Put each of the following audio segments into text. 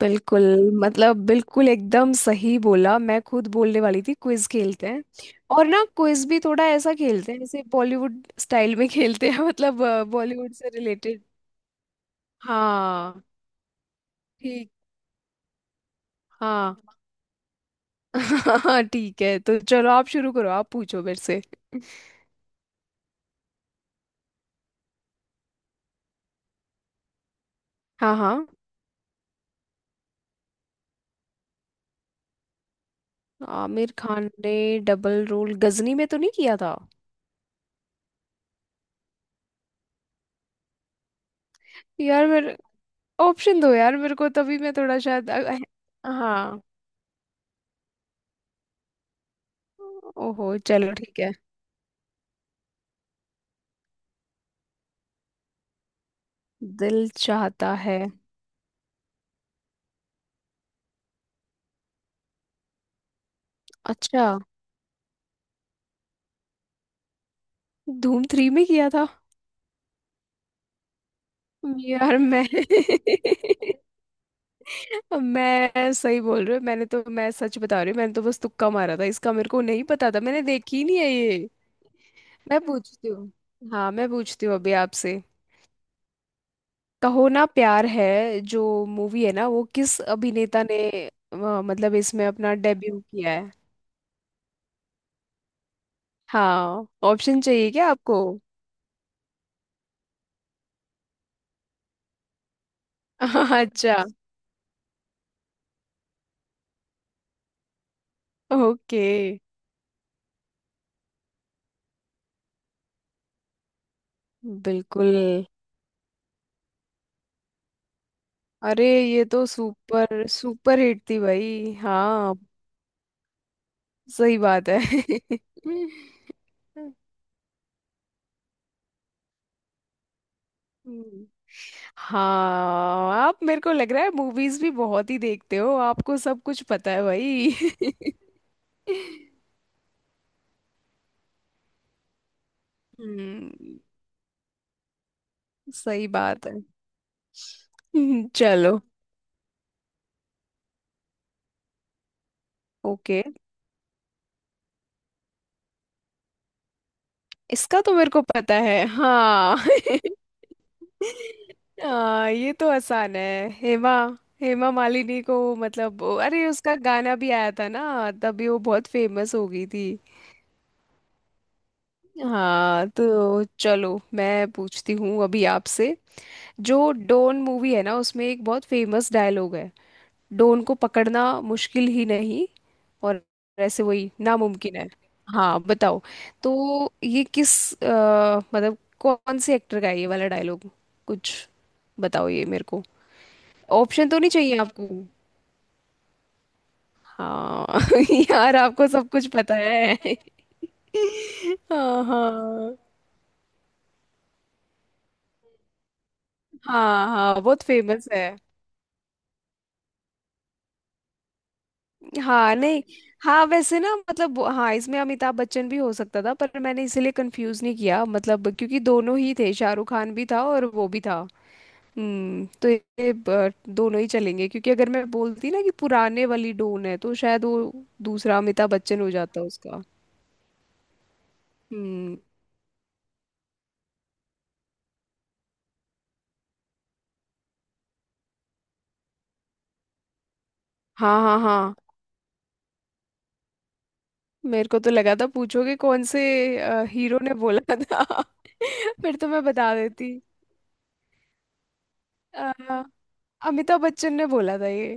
बिल्कुल। बिल्कुल एकदम सही बोला, मैं खुद बोलने वाली थी, क्विज खेलते हैं। और ना क्विज भी थोड़ा ऐसा खेलते हैं जैसे बॉलीवुड स्टाइल में खेलते हैं मतलब बॉलीवुड से रिलेटेड। हाँ। ठीक। हाँ। हाँ ठीक है, तो चलो आप शुरू करो, आप पूछो मेरे से। हाँ हाँ, आमिर खान ने डबल रोल गजनी में तो नहीं किया था। यार मेरे, ऑप्शन दो यार मेरे को, तभी मैं थोड़ा शायद हाँ। ओहो चलो ठीक है, दिल चाहता है। अच्छा, धूम थ्री में किया था। यार मैं मैं सही बोल रही हूँ, मैंने तो, मैं सच बता रही हूँ, मैंने तो बस तुक्का मारा था, इसका मेरे को नहीं पता था, मैंने देखी ही नहीं है ये। मैं पूछती हूँ। हाँ मैं पूछती हूँ अभी आपसे, कहो ना प्यार है जो मूवी है ना, वो किस अभिनेता ने मतलब इसमें अपना डेब्यू किया है। हाँ ऑप्शन चाहिए क्या आपको? अच्छा। ओके। बिल्कुल। अरे ये तो सुपर सुपर हिट थी भाई, हाँ। सही बात है। हम्म। हाँ आप, मेरे को लग रहा है मूवीज भी बहुत ही देखते हो, आपको सब कुछ पता है भाई। हम्म। सही बात है। चलो। ओके। इसका तो मेरे को पता है, हाँ। हाँ ये तो आसान है, हेमा, हेमा मालिनी को। अरे उसका गाना भी आया था ना, तभी वो बहुत फेमस हो गई थी। हाँ तो चलो मैं पूछती हूँ अभी आपसे, जो डोन मूवी है ना, उसमें एक बहुत फेमस डायलॉग है, डोन को पकड़ना मुश्किल ही नहीं और ऐसे, वही, नामुमकिन है। हाँ बताओ। तो ये किस, अ, मतलब कौन से एक्टर का है ये वाला डायलॉग, कुछ, बताओ ये मेरे को। ऑप्शन तो नहीं चाहिए आपको? हाँ यार आपको सब कुछ पता है। हाँ हाँ। हाँ हाँ बहुत फेमस है। हाँ नहीं, हाँ वैसे ना, हाँ इसमें अमिताभ बच्चन भी हो सकता था, पर मैंने इसीलिए कंफ्यूज नहीं किया, क्योंकि दोनों ही थे, शाहरुख खान भी था और वो भी था। हम्म, तो ये दोनों ही चलेंगे, क्योंकि अगर मैं बोलती ना कि पुराने वाली डोन है तो शायद वो दूसरा अमिताभ बच्चन हो जाता उसका। हम्म। हाँ हाँ। हाँ मेरे को तो लगा था पूछोगे कौन से हीरो ने बोला था। फिर तो मैं बता देती। अ, अमिताभ बच्चन ने बोला था ये।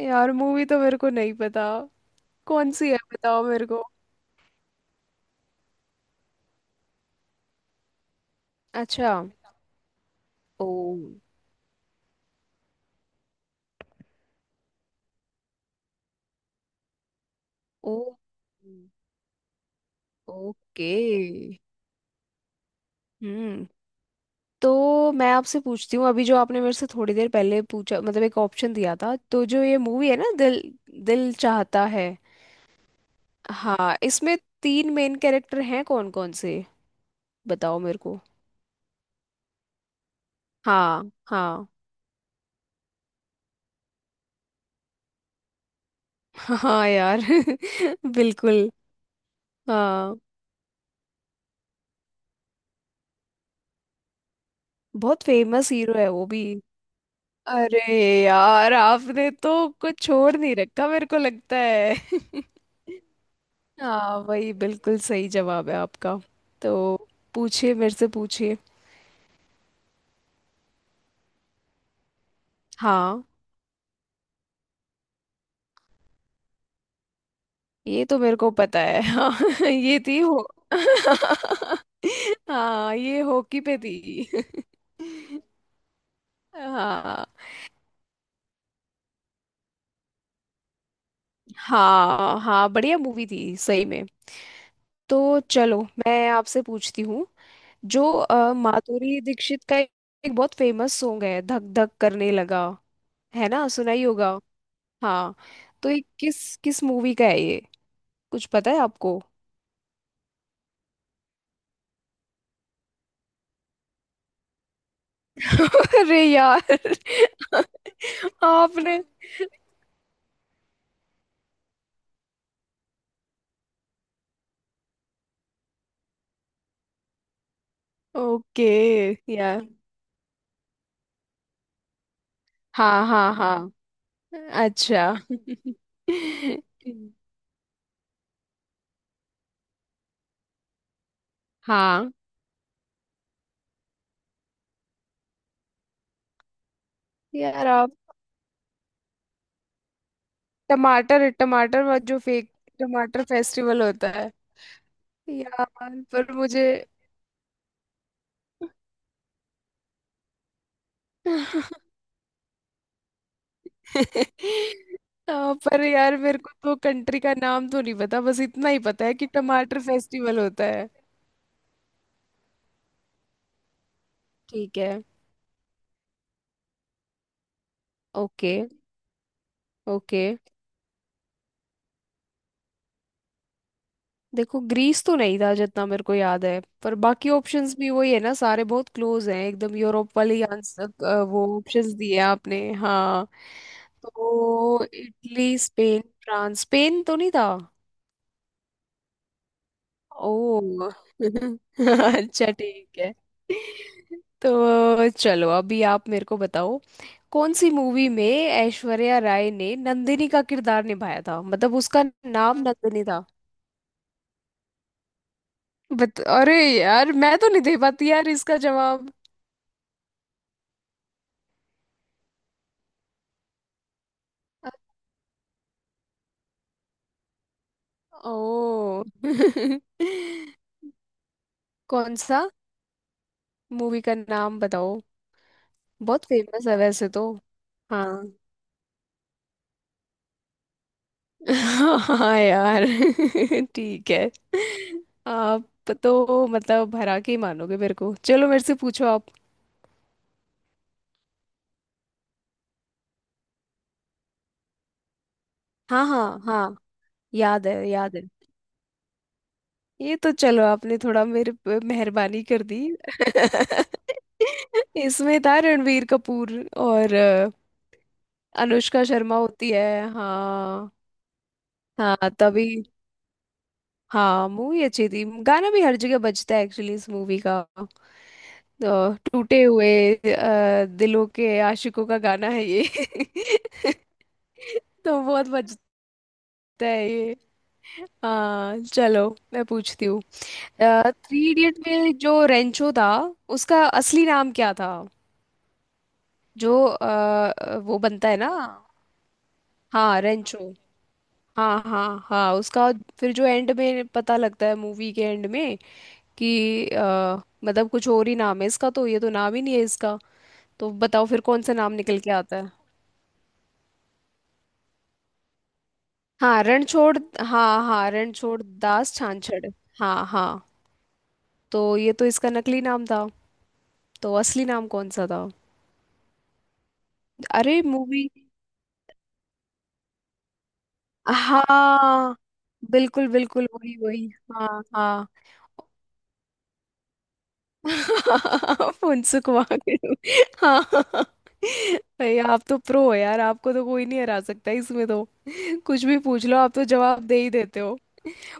यार मूवी तो मेरे को नहीं पता, कौन सी है बताओ मेरे को। अच्छा। ओ। ओ। ओके। हम्म। तो मैं आपसे पूछती हूँ अभी, जो आपने मेरे से थोड़ी देर पहले पूछा, एक ऑप्शन दिया था, तो जो ये मूवी है ना, दिल, दिल चाहता है, हाँ, इसमें तीन मेन कैरेक्टर हैं, कौन कौन से, बताओ मेरे को। हाँ हाँ। हाँ यार बिल्कुल। हाँ बहुत फेमस हीरो है वो भी। अरे यार आपने तो कुछ छोड़ नहीं रखा, मेरे को लगता है। हाँ वही बिल्कुल सही जवाब है आपका। तो पूछिए मेरे से, पूछिए। हाँ ये तो मेरे को पता है, हाँ। ये थी हो। हाँ ये हॉकी पे थी। हाँ हाँ हाँ बढ़िया मूवी थी सही में। तो चलो मैं आपसे पूछती हूँ, जो माधुरी दीक्षित का एक, एक बहुत फेमस सॉन्ग है, धक धक करने लगा, है ना, सुना ही होगा। हाँ तो ये किस, किस मूवी का है ये, कुछ पता है आपको? अरे यार। आपने। ओके। यार। हाँ हाँ हाँ। अच्छा। हाँ यार आप, टमाटर, जो फेक टमाटर फेस्टिवल होता है। यार। पर मुझे। हाँ पर यार मेरे को तो कंट्री का नाम तो नहीं पता, बस इतना ही पता है कि टमाटर फेस्टिवल होता है। ठीक है। ओके। ओके। देखो ग्रीस तो नहीं था जितना मेरे को याद है, पर बाकी ऑप्शंस भी वही है ना, सारे बहुत क्लोज हैं एकदम, यूरोप वाले आंसर, वो ऑप्शंस दिए आपने, हाँ। तो इटली, स्पेन, फ्रांस, स्पेन तो नहीं था। ओ। अच्छा ठीक है। तो चलो अभी आप मेरे को बताओ, कौन सी मूवी में ऐश्वर्या राय ने नंदिनी का किरदार निभाया था, उसका नाम नंदिनी था। बत अरे यार मैं तो नहीं दे पाती यार इसका जवाब। ओ। कौन सा, मूवी का नाम बताओ, बहुत फेमस है वैसे तो। हाँ हाँ यार ठीक है। आप तो, भरा के ही मानोगे मेरे को। चलो, मेरे से पूछो आप। हाँ हाँ हाँ, याद है, याद है, ये तो चलो, आपने थोड़ा मेरे पे मेहरबानी कर दी। इसमें था रणवीर कपूर, और अनुष्का शर्मा होती है। हाँ। हाँ तभी। हाँ मूवी अच्छी थी, गाना भी हर जगह बजता है एक्चुअली इस मूवी का। तो, टूटे हुए दिलों के आशिकों का गाना है ये। तो बहुत बजता है ये। हाँ चलो मैं पूछती हूँ, थ्री इडियट में जो रेंचो था, उसका असली नाम क्या था, जो वो बनता है ना। हाँ रेंचो। हाँ हाँ हाँ उसका, फिर जो एंड में पता लगता है, मूवी के एंड में, कि मतलब कुछ और ही नाम है इसका, तो ये तो नाम ही नहीं है इसका, तो बताओ फिर कौन सा नाम निकल के आता है। हाँ रणछोड़, हाँ हाँ, रणछोड़ दास छाछड़। हाँ हाँ। तो ये तो इसका नकली नाम था, तो असली नाम कौन सा था? अरे मूवी। हाँ। बिल्कुल बिल्कुल, वही वही। हाँ हाँ। फुनसुक वाकड़ू। हाँ। भाई आप तो प्रो हो यार, आपको तो कोई नहीं हरा सकता इसमें तो। कुछ भी पूछ लो, आप तो जवाब दे ही देते हो।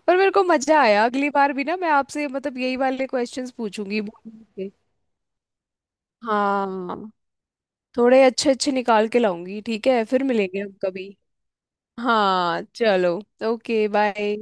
पर मेरे को मजा आया, अगली बार भी ना मैं आपसे, यही वाले क्वेश्चंस पूछूंगी बोलने के। हाँ थोड़े अच्छे अच्छे निकाल के लाऊंगी, ठीक है, फिर मिलेंगे हम कभी। हाँ चलो, ओके बाय।